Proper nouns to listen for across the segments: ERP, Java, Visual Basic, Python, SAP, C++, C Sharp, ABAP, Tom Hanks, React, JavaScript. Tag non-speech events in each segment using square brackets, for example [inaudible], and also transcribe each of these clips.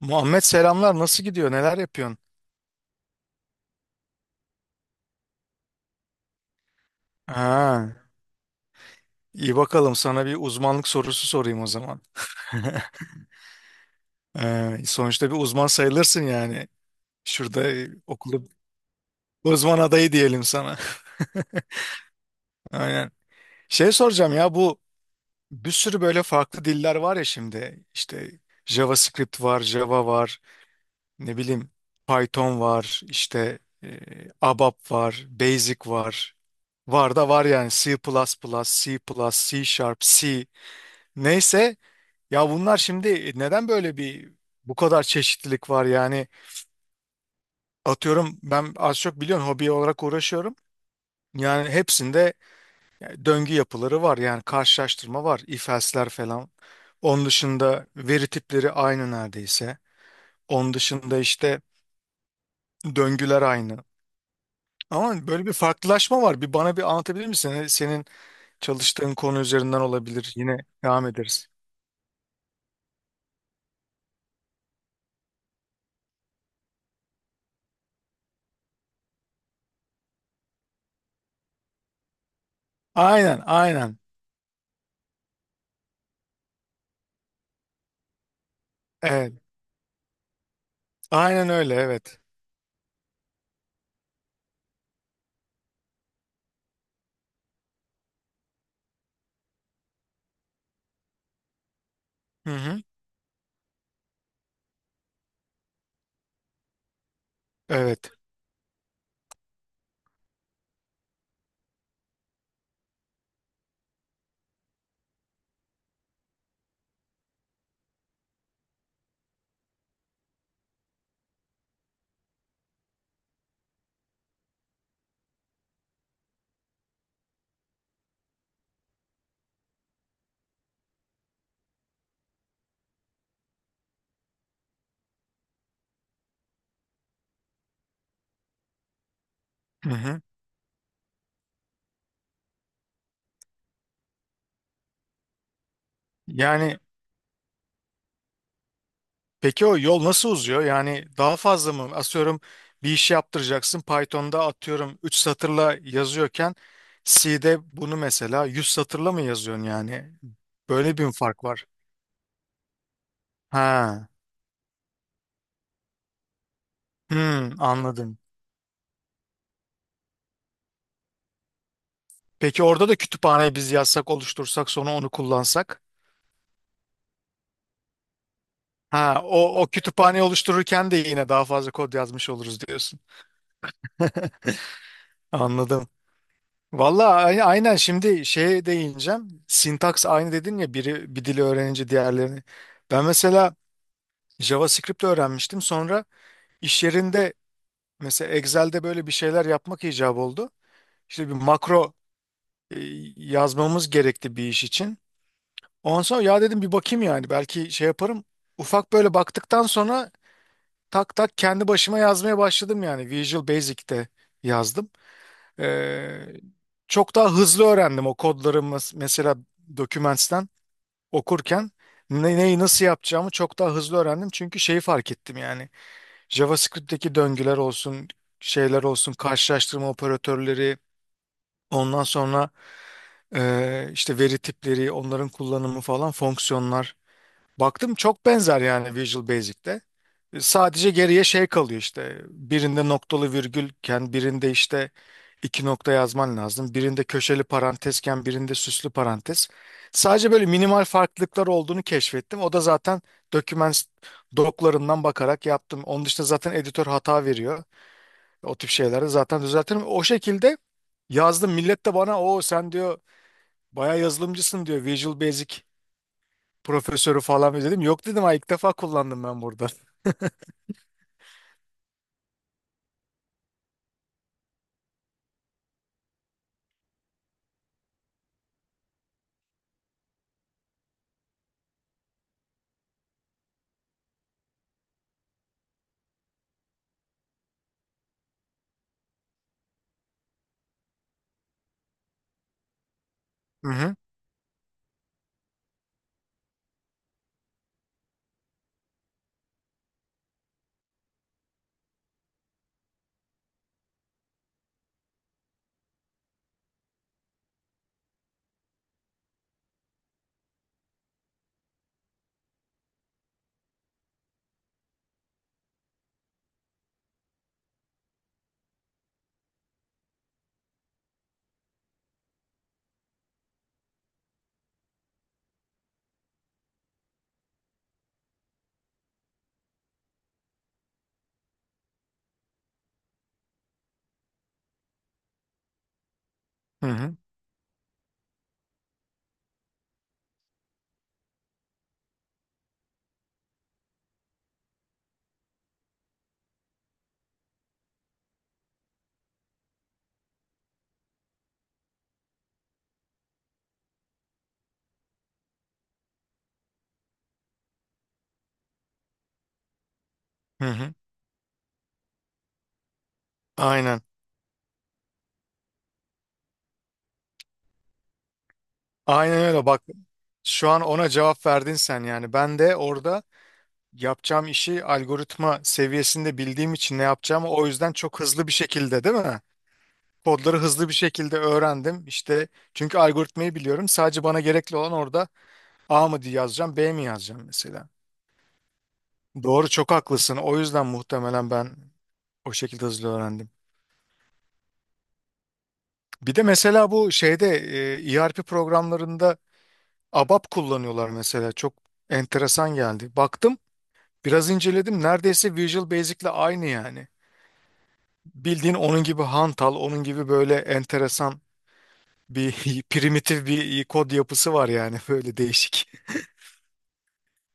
Muhammed, selamlar. Nasıl gidiyor? Neler yapıyorsun? Ha, iyi bakalım. Sana bir uzmanlık sorusu sorayım o zaman. [laughs] Sonuçta bir uzman sayılırsın yani. Şurada okulda uzman adayı diyelim sana. [laughs] Aynen. Şey soracağım ya, bu bir sürü böyle farklı diller var ya şimdi. İşte JavaScript var, Java var, ne bileyim Python var, işte ABAP var, Basic var. Var da var yani C++, C++, C Sharp, C. Neyse ya, bunlar şimdi neden böyle bir bu kadar çeşitlilik var yani? Atıyorum, ben az çok biliyorsun hobi olarak uğraşıyorum. Yani hepsinde döngü yapıları var, yani karşılaştırma var, if else'ler falan. Onun dışında veri tipleri aynı neredeyse. Onun dışında işte döngüler aynı. Ama böyle bir farklılaşma var. Bana bir anlatabilir misin? Hani senin çalıştığın konu üzerinden olabilir. Yine devam ederiz. Aynen, aynen. Evet. Aynen öyle, evet. Hı hı. Evet. Hı hı. Yani peki o yol nasıl uzuyor? Yani daha fazla mı? Atıyorum bir iş yaptıracaksın. Python'da atıyorum 3 satırla yazıyorken C'de bunu mesela 100 satırla mı yazıyorsun yani? Böyle bir mi fark var? Ha. Hmm, anladım. Peki orada da kütüphaneyi biz yazsak, oluştursak, sonra onu kullansak? Ha, o kütüphaneyi oluştururken de yine daha fazla kod yazmış oluruz diyorsun. Anladım. Valla aynen, şimdi şeye değineceğim. Sintaks aynı dedin ya, biri bir dili öğrenince diğerlerini. Ben mesela JavaScript öğrenmiştim. Sonra iş yerinde mesela Excel'de böyle bir şeyler yapmak icap oldu. İşte bir makro e, yazmamız gerekti bir iş için. Ondan sonra ya dedim, bir bakayım yani, belki şey yaparım. Ufak böyle baktıktan sonra tak tak kendi başıma yazmaya başladım, yani Visual Basic'te yazdım. Ee, Çok daha hızlı öğrendim o kodları, mesela dokümentten okurken neyi nasıl yapacağımı çok daha hızlı öğrendim. Çünkü şeyi fark ettim yani, JavaScript'teki döngüler olsun, şeyler olsun, karşılaştırma operatörleri, ondan sonra işte veri tipleri, onların kullanımı falan, fonksiyonlar. Baktım çok benzer yani Visual Basic'te. E, Sadece geriye şey kalıyor, işte birinde noktalı virgülken birinde işte iki nokta yazman lazım. Birinde köşeli parantezken birinde süslü parantez. Sadece böyle minimal farklılıklar olduğunu keşfettim. O da zaten doküman doklarından bakarak yaptım. Onun dışında zaten editör hata veriyor. O tip şeyleri zaten düzeltirim. O şekilde yazdım. Millet de bana o sen diyor, bayağı yazılımcısın diyor, Visual Basic profesörü falan mı, dedim. Yok dedim, ha ilk defa kullandım ben burada. [laughs] Hı hı. Hı hı. Hı hı. Aynen. Aynen öyle bak. Şu an ona cevap verdin sen yani. Ben de orada yapacağım işi algoritma seviyesinde bildiğim için ne yapacağımı o yüzden çok hızlı bir şekilde, değil mi? Kodları hızlı bir şekilde öğrendim. İşte çünkü algoritmayı biliyorum. Sadece bana gerekli olan orada A mı diye yazacağım, B mi yazacağım mesela. Doğru, çok haklısın. O yüzden muhtemelen ben o şekilde hızlı öğrendim. Bir de mesela bu şeyde ERP programlarında ABAP kullanıyorlar mesela. Çok enteresan geldi. Baktım, biraz inceledim. Neredeyse Visual Basic'le aynı yani. Bildiğin onun gibi hantal, onun gibi böyle enteresan bir [laughs] primitif bir kod yapısı var yani [laughs] böyle değişik.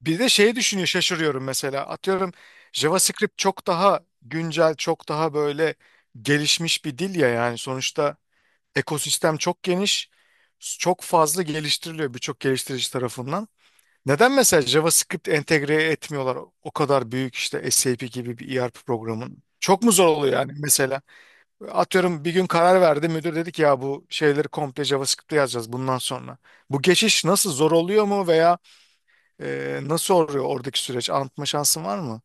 Bir de şey düşünüyor şaşırıyorum, mesela atıyorum JavaScript çok daha güncel, çok daha böyle gelişmiş bir dil ya yani, sonuçta ekosistem çok geniş, çok fazla geliştiriliyor birçok geliştirici tarafından. Neden mesela JavaScript entegre etmiyorlar o kadar büyük işte SAP gibi bir ERP programın? Çok mu zor oluyor yani mesela? Atıyorum bir gün karar verdi müdür, dedi ki ya bu şeyleri komple JavaScript'te yazacağız bundan sonra. Bu geçiş nasıl, zor oluyor mu, veya nasıl oluyor oradaki süreç? Anlatma şansın var mı?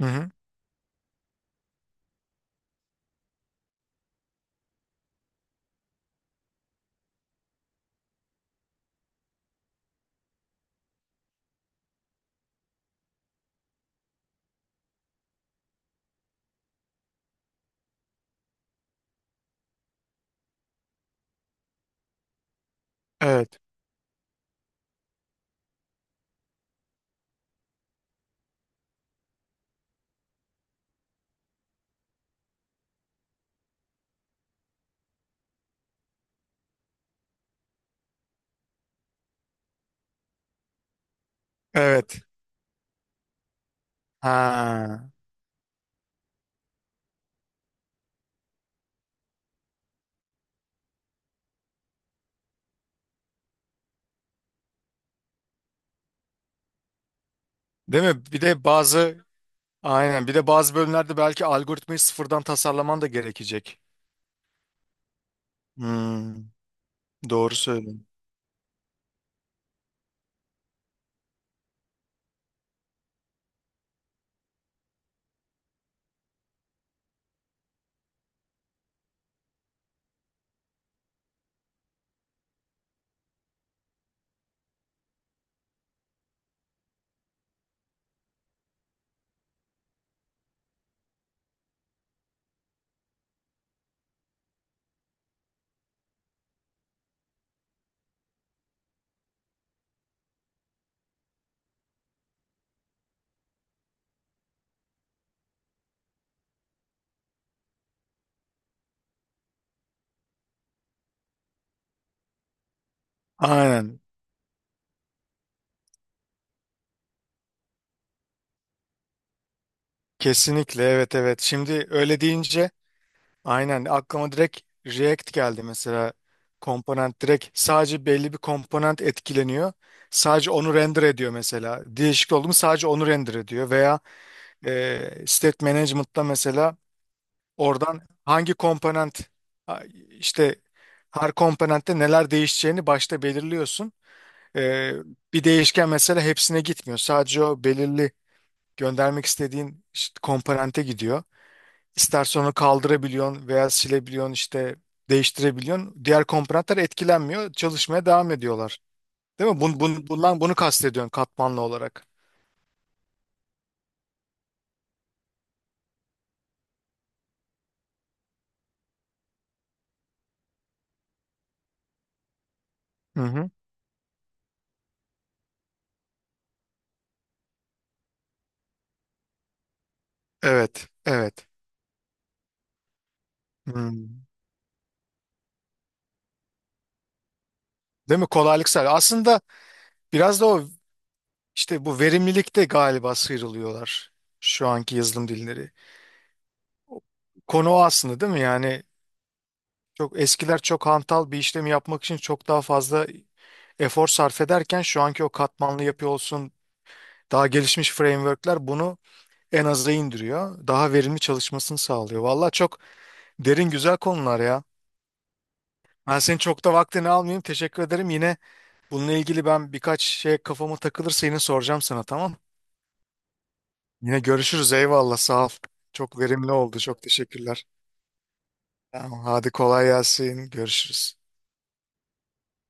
Hı hı. Evet. Evet. Ha. Değil mi? Bir de bazı bölümlerde belki algoritmayı sıfırdan tasarlaman da gerekecek. Hmm, doğru söylüyorsun. Aynen. Kesinlikle, evet, evet. Şimdi öyle deyince aynen aklıma direkt React geldi mesela. Komponent, direkt sadece belli bir komponent etkileniyor. Sadece onu render ediyor mesela. Değişik oldu mu sadece onu render ediyor. Veya state management'ta mesela oradan hangi komponent a- işte her komponentte neler değişeceğini başta belirliyorsun. E, Bir değişken mesela hepsine gitmiyor. Sadece o belirli göndermek istediğin işte komponente gidiyor. İstersen onu kaldırabiliyorsun veya silebiliyorsun, işte değiştirebiliyorsun. Diğer komponentler etkilenmiyor. Çalışmaya devam ediyorlar. Değil mi? Bundan bunu kastediyorsun, katmanlı olarak. Hı hı. Evet, evet. Hmm. Değil mi? Kolaylık sağlıyor. Aslında biraz da o işte bu verimlilikte galiba sıyrılıyorlar şu anki yazılım dilleri. O konu o aslında, değil mi? Yani çok eskiler çok hantal bir işlemi yapmak için çok daha fazla efor sarf ederken, şu anki o katmanlı yapı olsun, daha gelişmiş frameworkler bunu en aza indiriyor. Daha verimli çalışmasını sağlıyor. Valla çok derin güzel konular ya. Ben senin çok da vaktini almayayım. Teşekkür ederim. Yine bununla ilgili ben birkaç şey kafama takılırsa yine soracağım sana, tamam? Yine görüşürüz. Eyvallah, sağ ol. Çok verimli oldu. Çok teşekkürler. Tamam, hadi kolay gelsin. Görüşürüz.